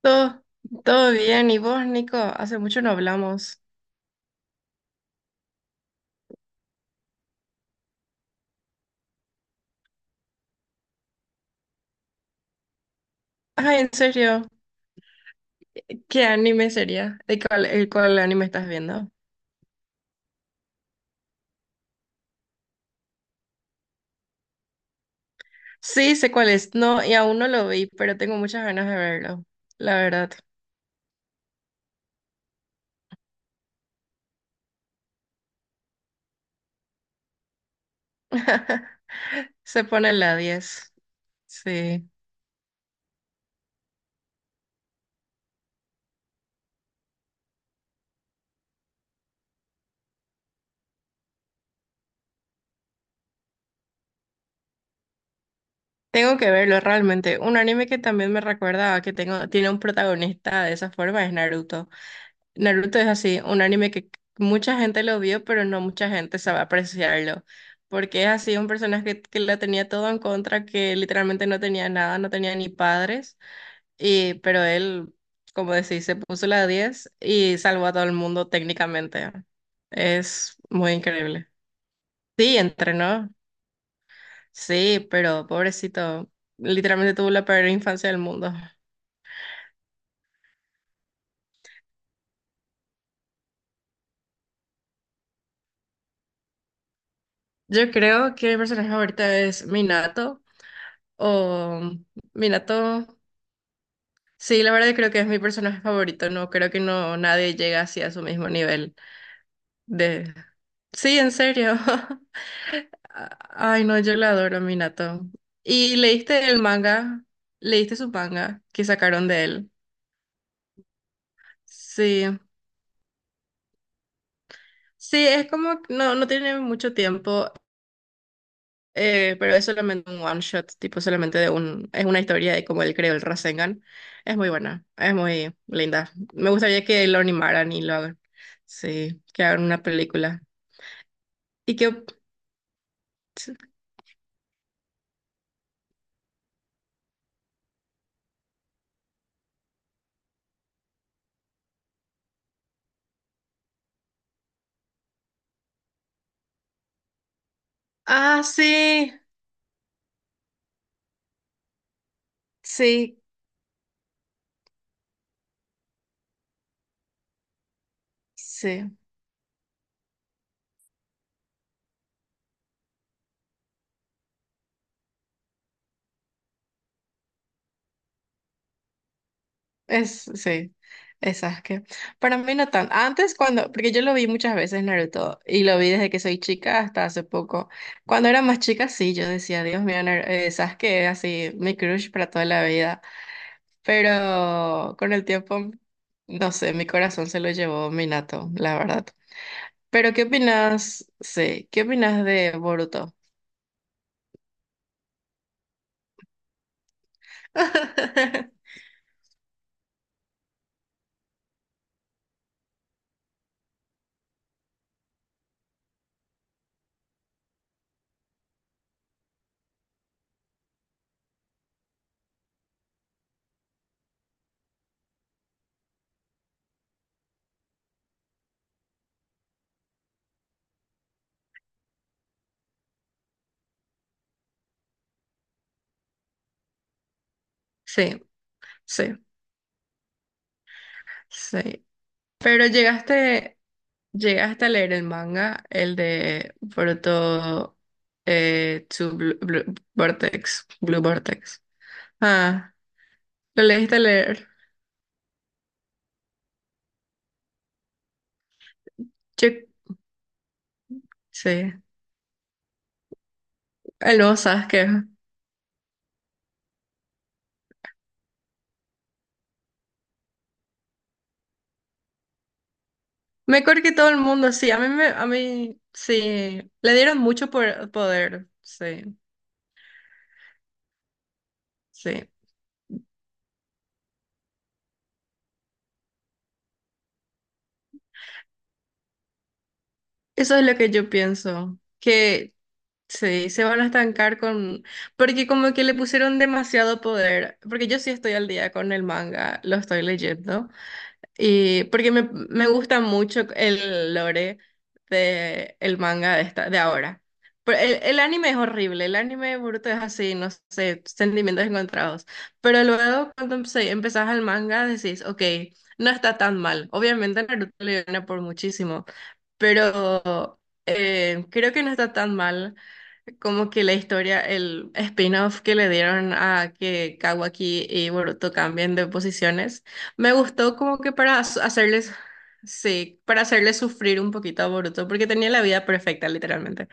Todo, todo bien. ¿Y vos, Nico? Hace mucho no hablamos. Ay, en serio, ¿qué anime sería? ¿El cuál anime estás viendo? Sí, sé cuál es. No, y aún no lo vi, pero tengo muchas ganas de verlo, la verdad. Se pone la 10. Sí. Tengo que verlo realmente. Un anime que también me recuerda a que tiene un protagonista de esa forma es Naruto. Naruto es así, un anime que mucha gente lo vio, pero no mucha gente sabe apreciarlo, porque es así un personaje que la tenía todo en contra, que literalmente no tenía nada, no tenía ni padres, pero él, como decís, se puso la 10 y salvó a todo el mundo técnicamente. Es muy increíble. Sí, entrenó, sí, pero pobrecito, literalmente tuvo la peor infancia del mundo. Yo creo que mi personaje ahorita es Minato o Minato. Sí, la verdad creo que es mi personaje favorito, no creo que no nadie llega así a su mismo nivel de. Sí, en serio. Ay, no, yo la adoro, a Minato. ¿Y leíste el manga? ¿Leíste su manga que sacaron de él? Sí. Sí, es como que no tiene mucho tiempo. Pero es solamente un one shot, tipo solamente es una historia de cómo él creó el Rasengan. Es muy buena, es muy linda. Me gustaría que lo animaran y lo hagan. Sí, que hagan una película. Y que. Ah, sí, sí, sí, sí, es Sasuke. Para mí no tan. Antes cuando, porque yo lo vi muchas veces Naruto y lo vi desde que soy chica hasta hace poco. Cuando era más chica, sí, yo decía, Dios mío, Sasuke es así, mi crush para toda la vida. Pero con el tiempo, no sé, mi corazón se lo llevó Minato, la verdad. Pero ¿qué opinas? Sí, ¿qué opinas de Boruto? Sí, sí, sí. Pero llegaste a leer el manga, el de Boruto Blue Vortex, Ah, lo leíste a leer. Yo- sí, el nuevo Sasuke. Mejor que todo el mundo, sí. A mí, sí. Le dieron mucho poder, sí, sí. Eso es lo que yo pienso. Que sí, se van a estancar con. Porque como que le pusieron demasiado poder. Porque yo sí estoy al día con el manga, lo estoy leyendo. Y porque me gusta mucho el lore de el manga de ahora. Pero el anime es horrible, el anime bruto es así, no sé, sentimientos encontrados. Pero luego cuando empezás al manga decís, ok, no está tan mal. Obviamente Naruto le gana por muchísimo, pero creo que no está tan mal como que la historia, el spin-off que le dieron a que Kawaki y Boruto cambien de posiciones, me gustó como que para hacerles, sí, para hacerles sufrir un poquito a Boruto, porque tenía la vida perfecta, literalmente.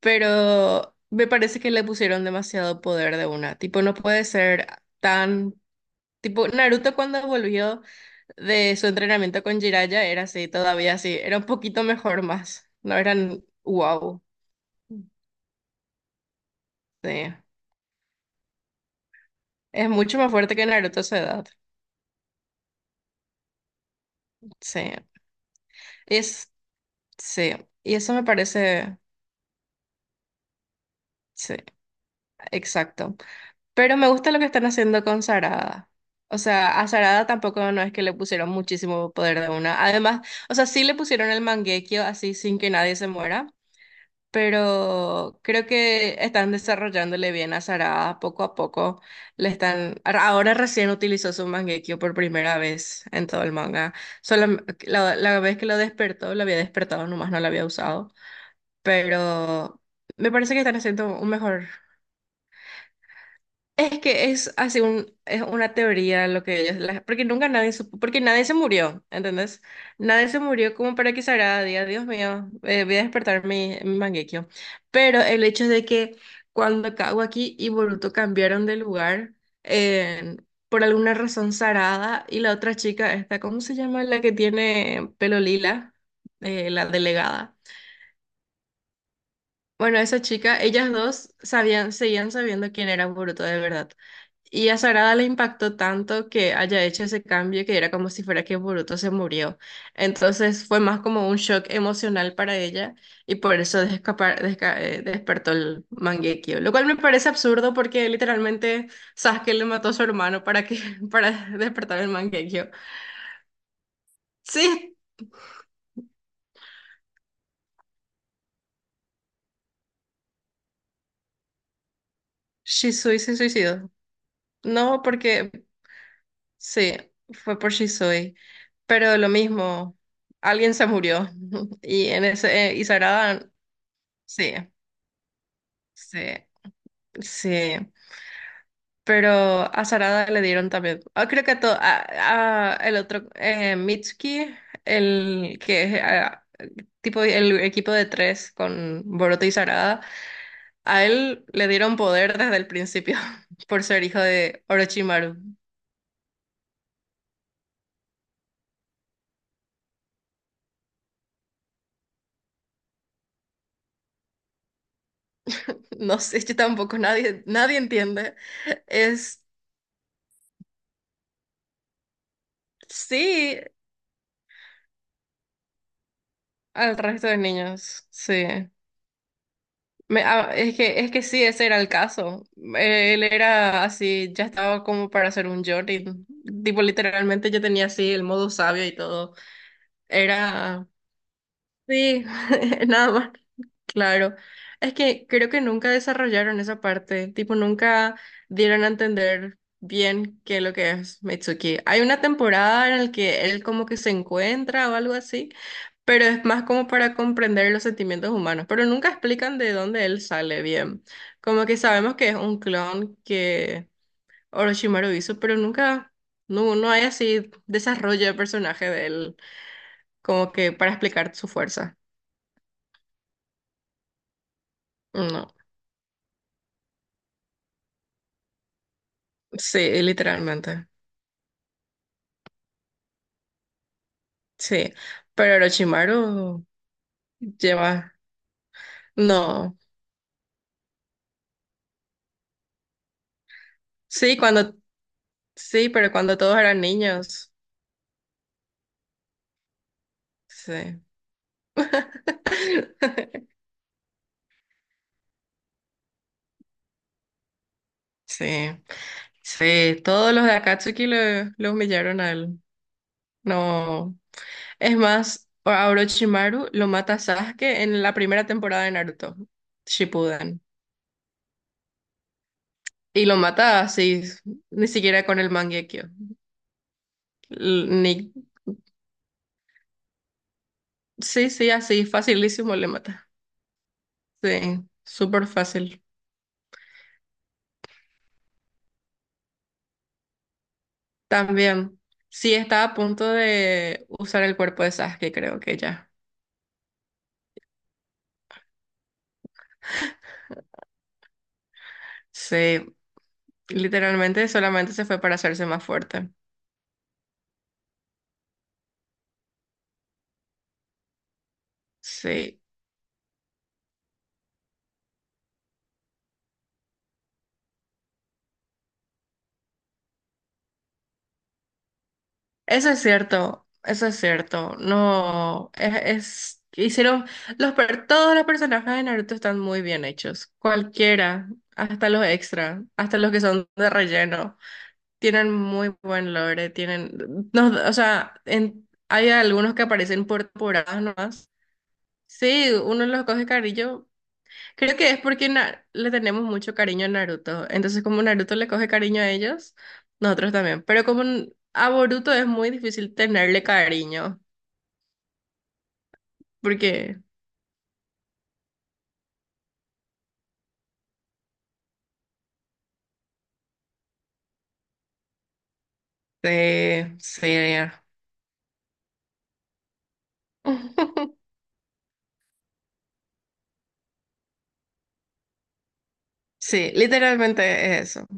Pero me parece que le pusieron demasiado poder de una, tipo, no puede ser tan. Tipo, Naruto cuando volvió de su entrenamiento con Jiraiya era así, todavía así, era un poquito mejor más, no eran wow. Sí. Es mucho más fuerte que Naruto a su edad. Sí. Es, sí. Y eso me parece, sí, exacto. Pero me gusta lo que están haciendo con Sarada. O sea, a Sarada tampoco no es que le pusieron muchísimo poder de una. Además, o sea, sí le pusieron el Mangekyo así sin que nadie se muera. Pero creo que están desarrollándole bien a Sarada poco a poco. Le están, ahora recién utilizó su Mangekyo por primera vez en todo el manga. Solo, la vez que lo despertó, lo había despertado nomás, no lo había usado. Pero me parece que están haciendo un mejor, es que es así un, es una teoría lo que ellos, porque nunca nadie supo, porque nadie se murió, ¿entendés? Nadie se murió como para que Sarada diga, Dios mío, voy a despertar mi Mangekyou". Pero el hecho de que cuando Kawaki y Boruto cambiaron de lugar, eh, por alguna razón Sarada y la otra chica, esta, ¿cómo se llama? La que tiene pelo lila, la delegada. Bueno, esa chica, ellas dos sabían, seguían sabiendo quién era Boruto de verdad. Y a Sarada le impactó tanto que haya hecho ese cambio que era como si fuera que Boruto se murió. Entonces fue más como un shock emocional para ella y por eso despertó el Mangekyo. Lo cual me parece absurdo porque literalmente Sasuke le mató a su hermano para que para despertar el Mangekyo. Sí, Shisui se suicidó. No, porque sí, fue por Shisui. Pero lo mismo, alguien se murió. Y Sarada, sí, sí, sí. Pero a Sarada le dieron también. Ah, creo que a el otro, Mitsuki, el que es ah, tipo el equipo de tres con Boruto y Sarada, a él le dieron poder desde el principio por ser hijo de Orochimaru. No sé, yo tampoco, nadie entiende. Es Sí, al resto de niños, sí. Es que sí, ese era el caso. Él era así, ya estaba como para hacer un Jordan. Tipo, literalmente yo tenía así el modo sabio y todo. Era, sí, nada más. Claro, es que creo que nunca desarrollaron esa parte, tipo nunca dieron a entender bien qué es lo que es Mitsuki. Hay una temporada en la que él como que se encuentra o algo así, pero es más como para comprender los sentimientos humanos, pero nunca explican de dónde él sale bien. Como que sabemos que es un clon que Orochimaru hizo, pero nunca, no hay así desarrollo de personaje de él como que para explicar su fuerza. No, sí, literalmente. Sí, pero Orochimaru lleva, no, sí, sí, pero cuando todos eran niños, sí, sí, sí, todos los de Akatsuki lo humillaron a él, no, es más, a Orochimaru lo mata Sasuke en la primera temporada de Naruto, Shippuden, y lo mata así, ni siquiera con el Mangekyo, L- ni, sí, sí, así, facilísimo le mata, sí, súper fácil. También, sí está a punto de usar el cuerpo de Sasuke, creo que ya. Sí, literalmente solamente se fue para hacerse más fuerte. Sí, eso es cierto, eso es cierto. No, todos los personajes de Naruto están muy bien hechos. Cualquiera, hasta los extra, hasta los que son de relleno, tienen muy buen lore, tienen, no, o sea, hay algunos que aparecen por temporadas nomás. Sí, uno los coge cariño. Creo que es porque le tenemos mucho cariño a Naruto. Entonces, como Naruto le coge cariño a ellos, nosotros también. Pero como a Boruto es muy difícil tenerle cariño, porque. Sí, sí, sí, literalmente es eso.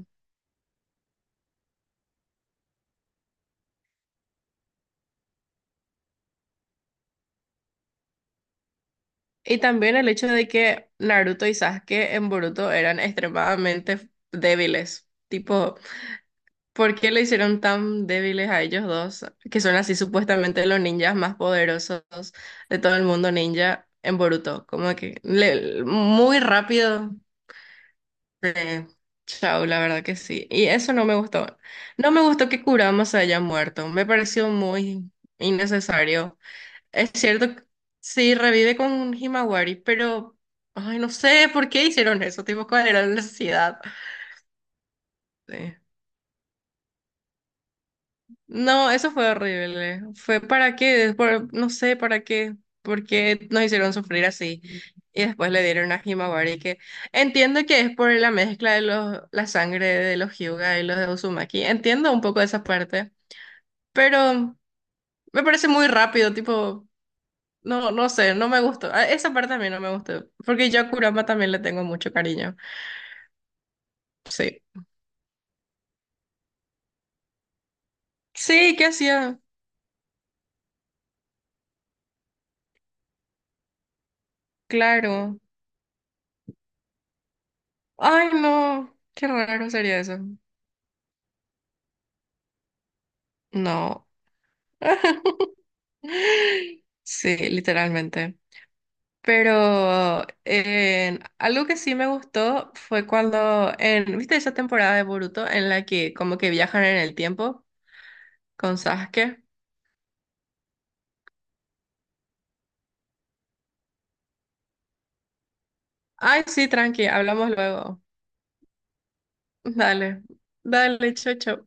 Y también el hecho de que Naruto y Sasuke en Boruto eran extremadamente débiles. Tipo, ¿por qué le hicieron tan débiles a ellos dos, que son así supuestamente los ninjas más poderosos de todo el mundo ninja en Boruto? Como que muy rápido. eh, chao, la verdad que sí. Y eso no me gustó. No me gustó que Kurama se haya muerto. Me pareció muy innecesario. Es cierto, que sí, revive con Himawari, pero. Ay, no sé por qué hicieron eso, tipo, ¿cuál era la necesidad? Sí. No, eso fue horrible. Fue para qué, no sé para qué, porque nos hicieron sufrir así. Y después le dieron a Himawari que entiendo que es por la mezcla de la sangre de los Hyuga y los de Uzumaki. Entiendo un poco esa parte, pero me parece muy rápido, tipo, no sé, no me gustó. Esa parte a mí no me gustó, porque yo a Kurama también le tengo mucho cariño. Sí. Sí, ¿qué hacía? Claro. Ay, no, qué raro sería eso. No. Sí, literalmente. Pero algo que sí me gustó fue cuando, ¿viste esa temporada de Boruto en la que como que viajan en el tiempo con Sasuke? Ay, sí, tranqui, hablamos luego. Dale, dale, chocho.